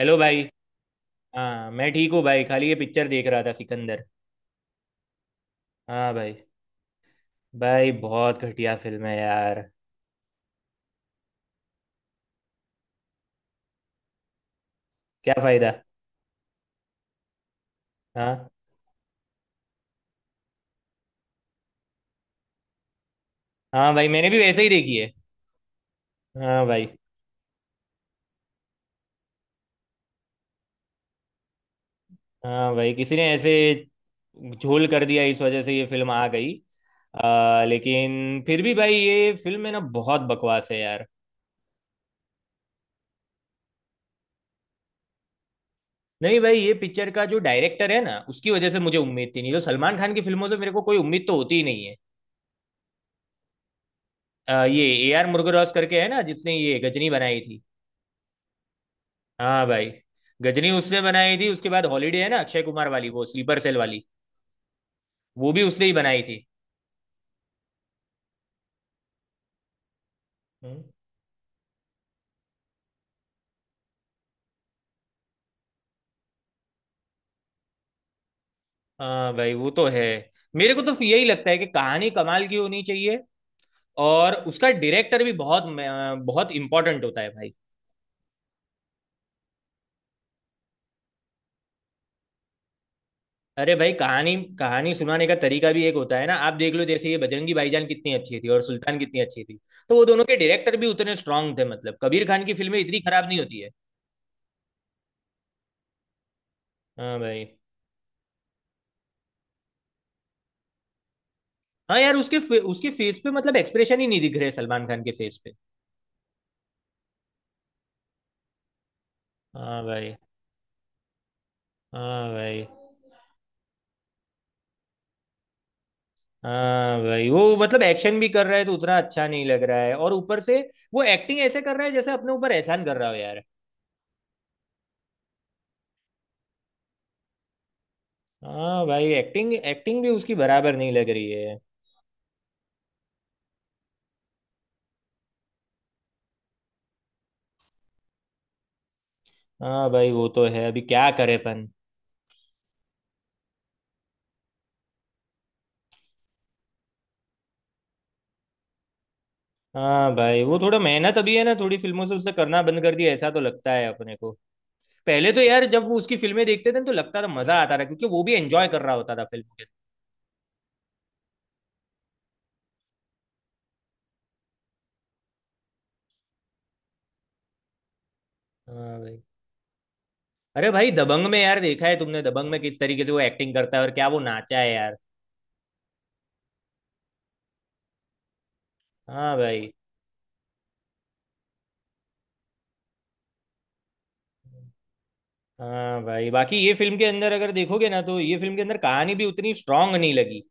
Hello भाई। हाँ, मैं ठीक हूँ भाई। खाली ये पिक्चर देख रहा था, सिकंदर। हाँ भाई। भाई बहुत घटिया फिल्म है यार। क्या फायदा? हाँ। हाँ भाई, मैंने भी वैसे ही देखी है। हाँ भाई। हाँ भाई, किसी ने ऐसे झोल कर दिया, इस वजह से ये फिल्म आ गई। लेकिन फिर भी भाई ये फिल्म है ना, बहुत बकवास है यार। नहीं भाई, ये पिक्चर का जो डायरेक्टर है ना, उसकी वजह से मुझे उम्मीद थी, नहीं तो सलमान खान की फिल्मों से मेरे को कोई उम्मीद तो होती ही नहीं है। ये AR मुरुगदॉस करके है ना, जिसने ये गजनी बनाई थी। हाँ भाई। गजनी उसने बनाई थी, उसके बाद हॉलीडे है ना, अक्षय कुमार वाली, वो स्लीपर सेल वाली। वो भी उसने ही बनाई थी। हम्म। हाँ भाई, वो तो है। मेरे को तो यही लगता है कि कहानी कमाल की होनी चाहिए। और उसका डायरेक्टर भी बहुत बहुत इंपॉर्टेंट होता है भाई। अरे भाई, कहानी कहानी सुनाने का तरीका भी एक होता है ना। आप देख लो, जैसे ये बजरंगी भाईजान कितनी अच्छी थी और सुल्तान कितनी अच्छी थी। तो वो दोनों के डायरेक्टर भी उतने स्ट्रांग थे। मतलब कबीर खान की फिल्में इतनी खराब नहीं होती है। हाँ भाई। हाँ यार, उसके फेस पे मतलब एक्सप्रेशन ही नहीं दिख रहे सलमान खान के फेस पे। हाँ भाई। हाँ भाई। हाँ भाई, वो मतलब एक्शन भी कर रहा है तो उतना अच्छा नहीं लग रहा है, और ऊपर से वो एक्टिंग ऐसे कर रहा है जैसे अपने ऊपर एहसान कर रहा हो यार। हाँ भाई, एक्टिंग एक्टिंग भी उसकी बराबर नहीं लग रही है। हाँ भाई, वो तो है। अभी क्या करे अपन। हाँ भाई, वो थोड़ा मेहनत अभी है ना, थोड़ी फिल्मों से उससे करना बंद कर दिया, ऐसा तो लगता है अपने को। पहले तो यार जब वो उसकी फिल्में देखते थे ना, तो लगता था, मजा आता था, क्योंकि वो भी एंजॉय कर रहा होता था फिल्म के। हाँ भाई। अरे भाई, दबंग में यार देखा है तुमने, दबंग में किस तरीके से वो एक्टिंग करता है और क्या वो नाचा है यार। हाँ भाई। हाँ भाई, बाकी ये फिल्म के अंदर अगर देखोगे ना तो ये फिल्म के अंदर कहानी भी उतनी स्ट्रांग नहीं लगी।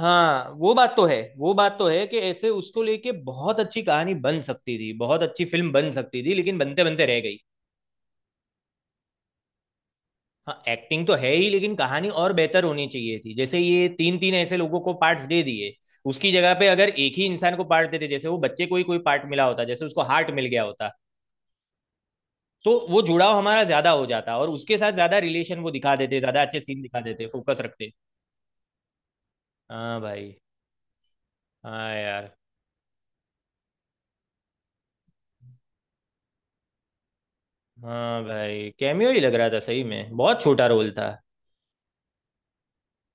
हाँ, वो बात तो है, वो बात तो है कि ऐसे उसको लेके बहुत अच्छी कहानी बन सकती थी, बहुत अच्छी फिल्म बन सकती थी, लेकिन बनते बनते रह गई। हाँ, एक्टिंग तो है ही लेकिन कहानी और बेहतर होनी चाहिए थी। जैसे ये तीन तीन ऐसे लोगों को पार्ट्स दे दिए। उसकी जगह पे अगर एक ही इंसान को पार्ट देते, जैसे वो बच्चे को ही कोई पार्ट मिला होता, जैसे उसको हार्ट मिल गया होता, तो वो जुड़ाव हमारा ज्यादा हो जाता और उसके साथ ज्यादा रिलेशन वो दिखा देते, ज्यादा अच्छे सीन दिखा देते, फोकस रखते। हाँ भाई। हाँ यार। हाँ भाई, कैमियो ही लग रहा था, सही में बहुत छोटा रोल था।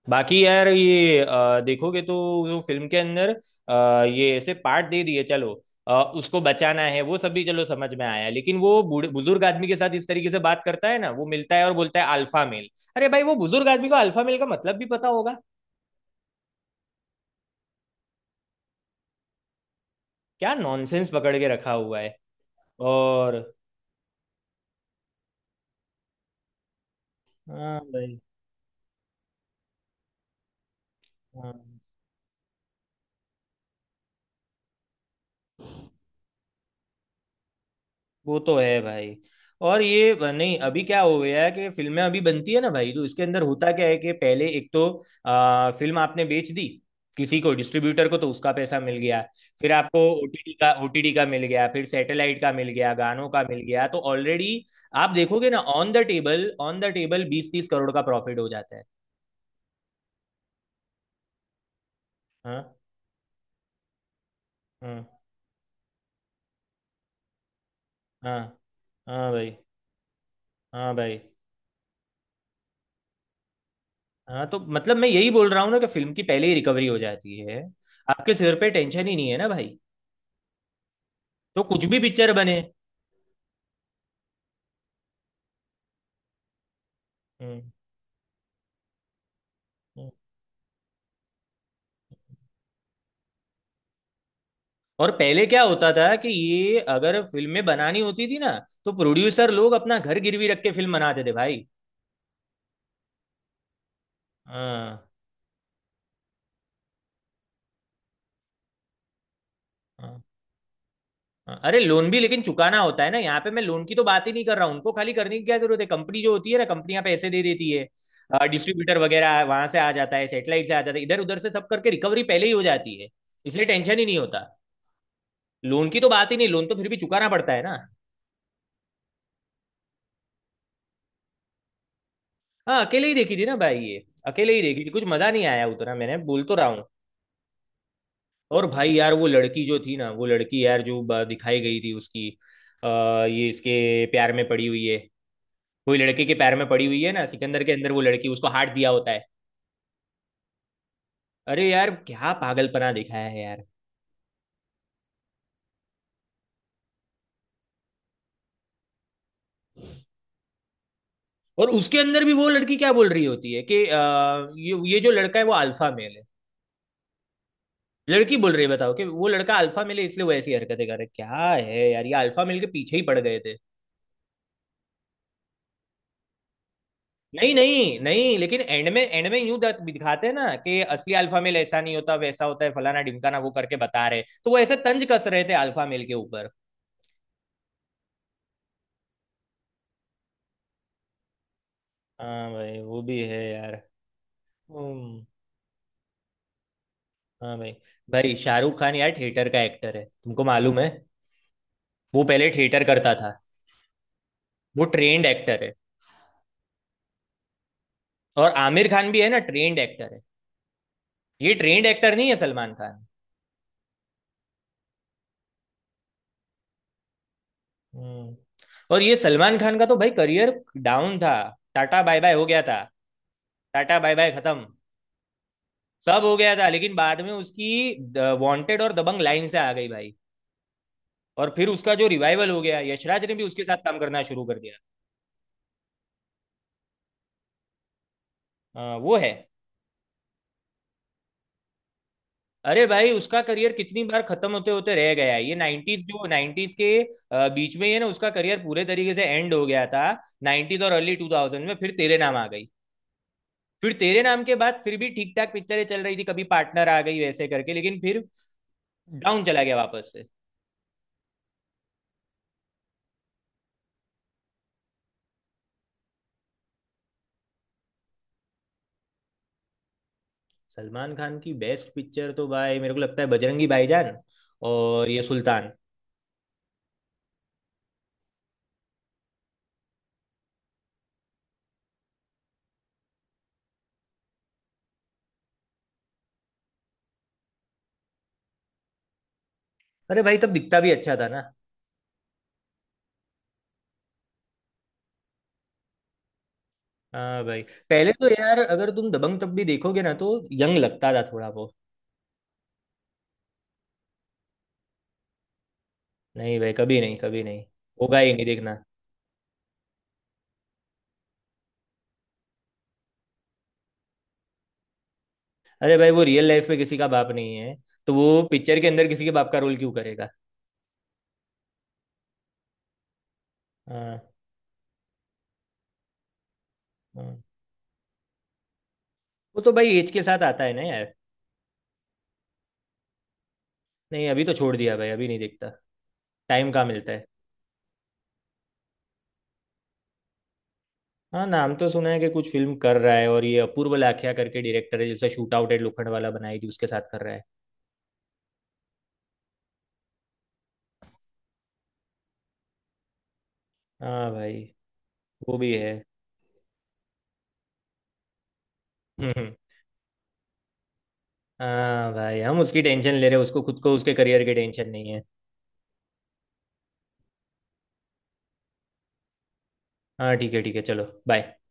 बाकी यार, ये देखोगे तो वो फिल्म के अंदर ये ऐसे पार्ट दे दिए, चलो। उसको बचाना है, वो सब भी चलो, समझ में आया। लेकिन वो बूढ़े बुजुर्ग आदमी के साथ इस तरीके से बात करता है ना, वो मिलता है और बोलता है अल्फा मेल। अरे भाई, वो बुजुर्ग आदमी को अल्फा मेल का मतलब भी पता होगा? क्या नॉनसेंस पकड़ के रखा हुआ है। और। हाँ भाई। हाँ, वो तो है भाई। और ये नहीं, अभी क्या हो गया है कि फिल्में अभी बनती है ना भाई, तो इसके अंदर होता क्या है कि पहले एक तो फिल्म आपने बेच दी। किसी को डिस्ट्रीब्यूटर को, तो उसका पैसा मिल गया। फिर आपको ओटीटी का मिल गया, फिर सैटेलाइट का मिल गया, गानों का मिल गया, तो ऑलरेडी आप देखोगे ना, ऑन द टेबल 20-30 करोड़ का प्रॉफिट हो जाता है। हाँ। हाँ। हाँ। हाँ भाई। हाँ भाई। हाँ, तो मतलब मैं यही बोल रहा हूँ ना कि फिल्म की पहले ही रिकवरी हो जाती है। आपके सिर पे टेंशन ही नहीं है ना भाई। तो कुछ भी पिक्चर बने। हम्म। हम्म। और पहले क्या होता था कि ये अगर फिल्में बनानी होती थी ना, तो प्रोड्यूसर लोग अपना घर गिरवी रख के फिल्म बनाते थे भाई। हाँ। हाँ हाँ। अरे लोन भी लेकिन चुकाना होता है ना यहाँ पे, मैं लोन की तो बात ही नहीं कर रहा हूँ। उनको खाली करने की क्या जरूरत है, कंपनी जो होती है ना, कंपनियां पैसे दे देती है। डिस्ट्रीब्यूटर वगैरह वहां से आ जाता है, सेटेलाइट से आ जाता है, इधर उधर से सब करके रिकवरी पहले ही हो जाती है। इसलिए टेंशन ही नहीं होता। लोन की तो बात ही नहीं, लोन तो फिर भी चुकाना पड़ता है ना। हाँ, अकेले ही देखी थी ना भाई, ये अकेले ही देखी थी, कुछ मजा नहीं आया उतना, मैंने बोल तो रहा हूँ। और भाई यार, वो लड़की जो थी ना, वो लड़की यार, जो दिखाई गई थी उसकी। ये इसके प्यार में पड़ी हुई है। कोई लड़के के प्यार में पड़ी हुई है ना सिकंदर के अंदर, वो लड़की, उसको हार्ट दिया होता है। अरे यार, क्या पागलपना दिखाया है यार। और उसके अंदर भी वो लड़की क्या बोल रही होती है कि ये जो लड़का है वो अल्फा मेल है। लड़की बोल रही है बताओ, कि वो लड़का अल्फा मेल है इसलिए वो ऐसी हरकतें कर रहा है। क्या है यार, ये अल्फा मेल के पीछे ही पड़ गए। नहीं नहीं नहीं, लेकिन एंड में, एंड में यूं दिखाते हैं ना कि असली अल्फा मेल ऐसा नहीं होता, वैसा होता है, फलाना ढिमकाना, वो करके बता रहे, तो वो ऐसे तंज कस रहे थे अल्फा मेल के ऊपर। हाँ भाई, वो भी है यार। हम्म। हाँ भाई। भाई शाहरुख खान यार थिएटर का एक्टर है, तुमको मालूम है? वो पहले थिएटर करता था। वो ट्रेंड एक्टर है। और आमिर खान भी है ना, ट्रेंड एक्टर है। ये ट्रेंड एक्टर नहीं है सलमान खान। हम्म। और ये सलमान खान का तो भाई करियर डाउन था। टाटा बाय बाय हो गया था। टाटा बाय बाय खत्म। सब हो गया था, लेकिन बाद में उसकी वांटेड और दबंग लाइन से आ गई भाई। और फिर उसका जो रिवाइवल हो गया, यशराज ने भी उसके साथ काम करना शुरू कर दिया। वो है। अरे भाई, उसका करियर कितनी बार खत्म होते होते रह गया है। ये 90s, जो नाइन्टीज के बीच में, ये ना उसका करियर पूरे तरीके से एंड हो गया था। नाइन्टीज और अर्ली 2000 में फिर तेरे नाम आ गई। फिर तेरे नाम के बाद फिर भी ठीक ठाक पिक्चरें चल रही थी, कभी पार्टनर आ गई वैसे करके, लेकिन फिर डाउन चला गया वापस से। सलमान खान की बेस्ट पिक्चर तो भाई मेरे को लगता है बजरंगी भाईजान। और ये सुल्तान। अरे भाई, तब दिखता भी अच्छा था ना। हाँ भाई। पहले तो यार अगर तुम दबंग तब भी देखोगे ना, तो यंग लगता था थोड़ा वो। नहीं भाई, कभी नहीं कभी नहीं, होगा ही नहीं, देखना। अरे भाई, वो रियल लाइफ में किसी का बाप नहीं है, तो वो पिक्चर के अंदर किसी के बाप का रोल क्यों करेगा। हाँ हाँ। वो तो भाई एज के साथ आता है ना यार। नहीं, अभी तो छोड़ दिया भाई, अभी नहीं देखता। टाइम कहाँ मिलता है। हाँ, नाम तो सुना है कि कुछ फिल्म कर रहा है, और ये अपूर्व लाखिया करके डायरेक्टर है, जिसने shoot out at Lokhandwala बनाई थी, उसके साथ कर रहा है। हाँ भाई, वो भी है। हम्म। हाँ भाई, हम उसकी टेंशन ले रहे हैं, उसको खुद को उसके करियर की टेंशन नहीं है। हाँ ठीक है ठीक है, चलो बाय।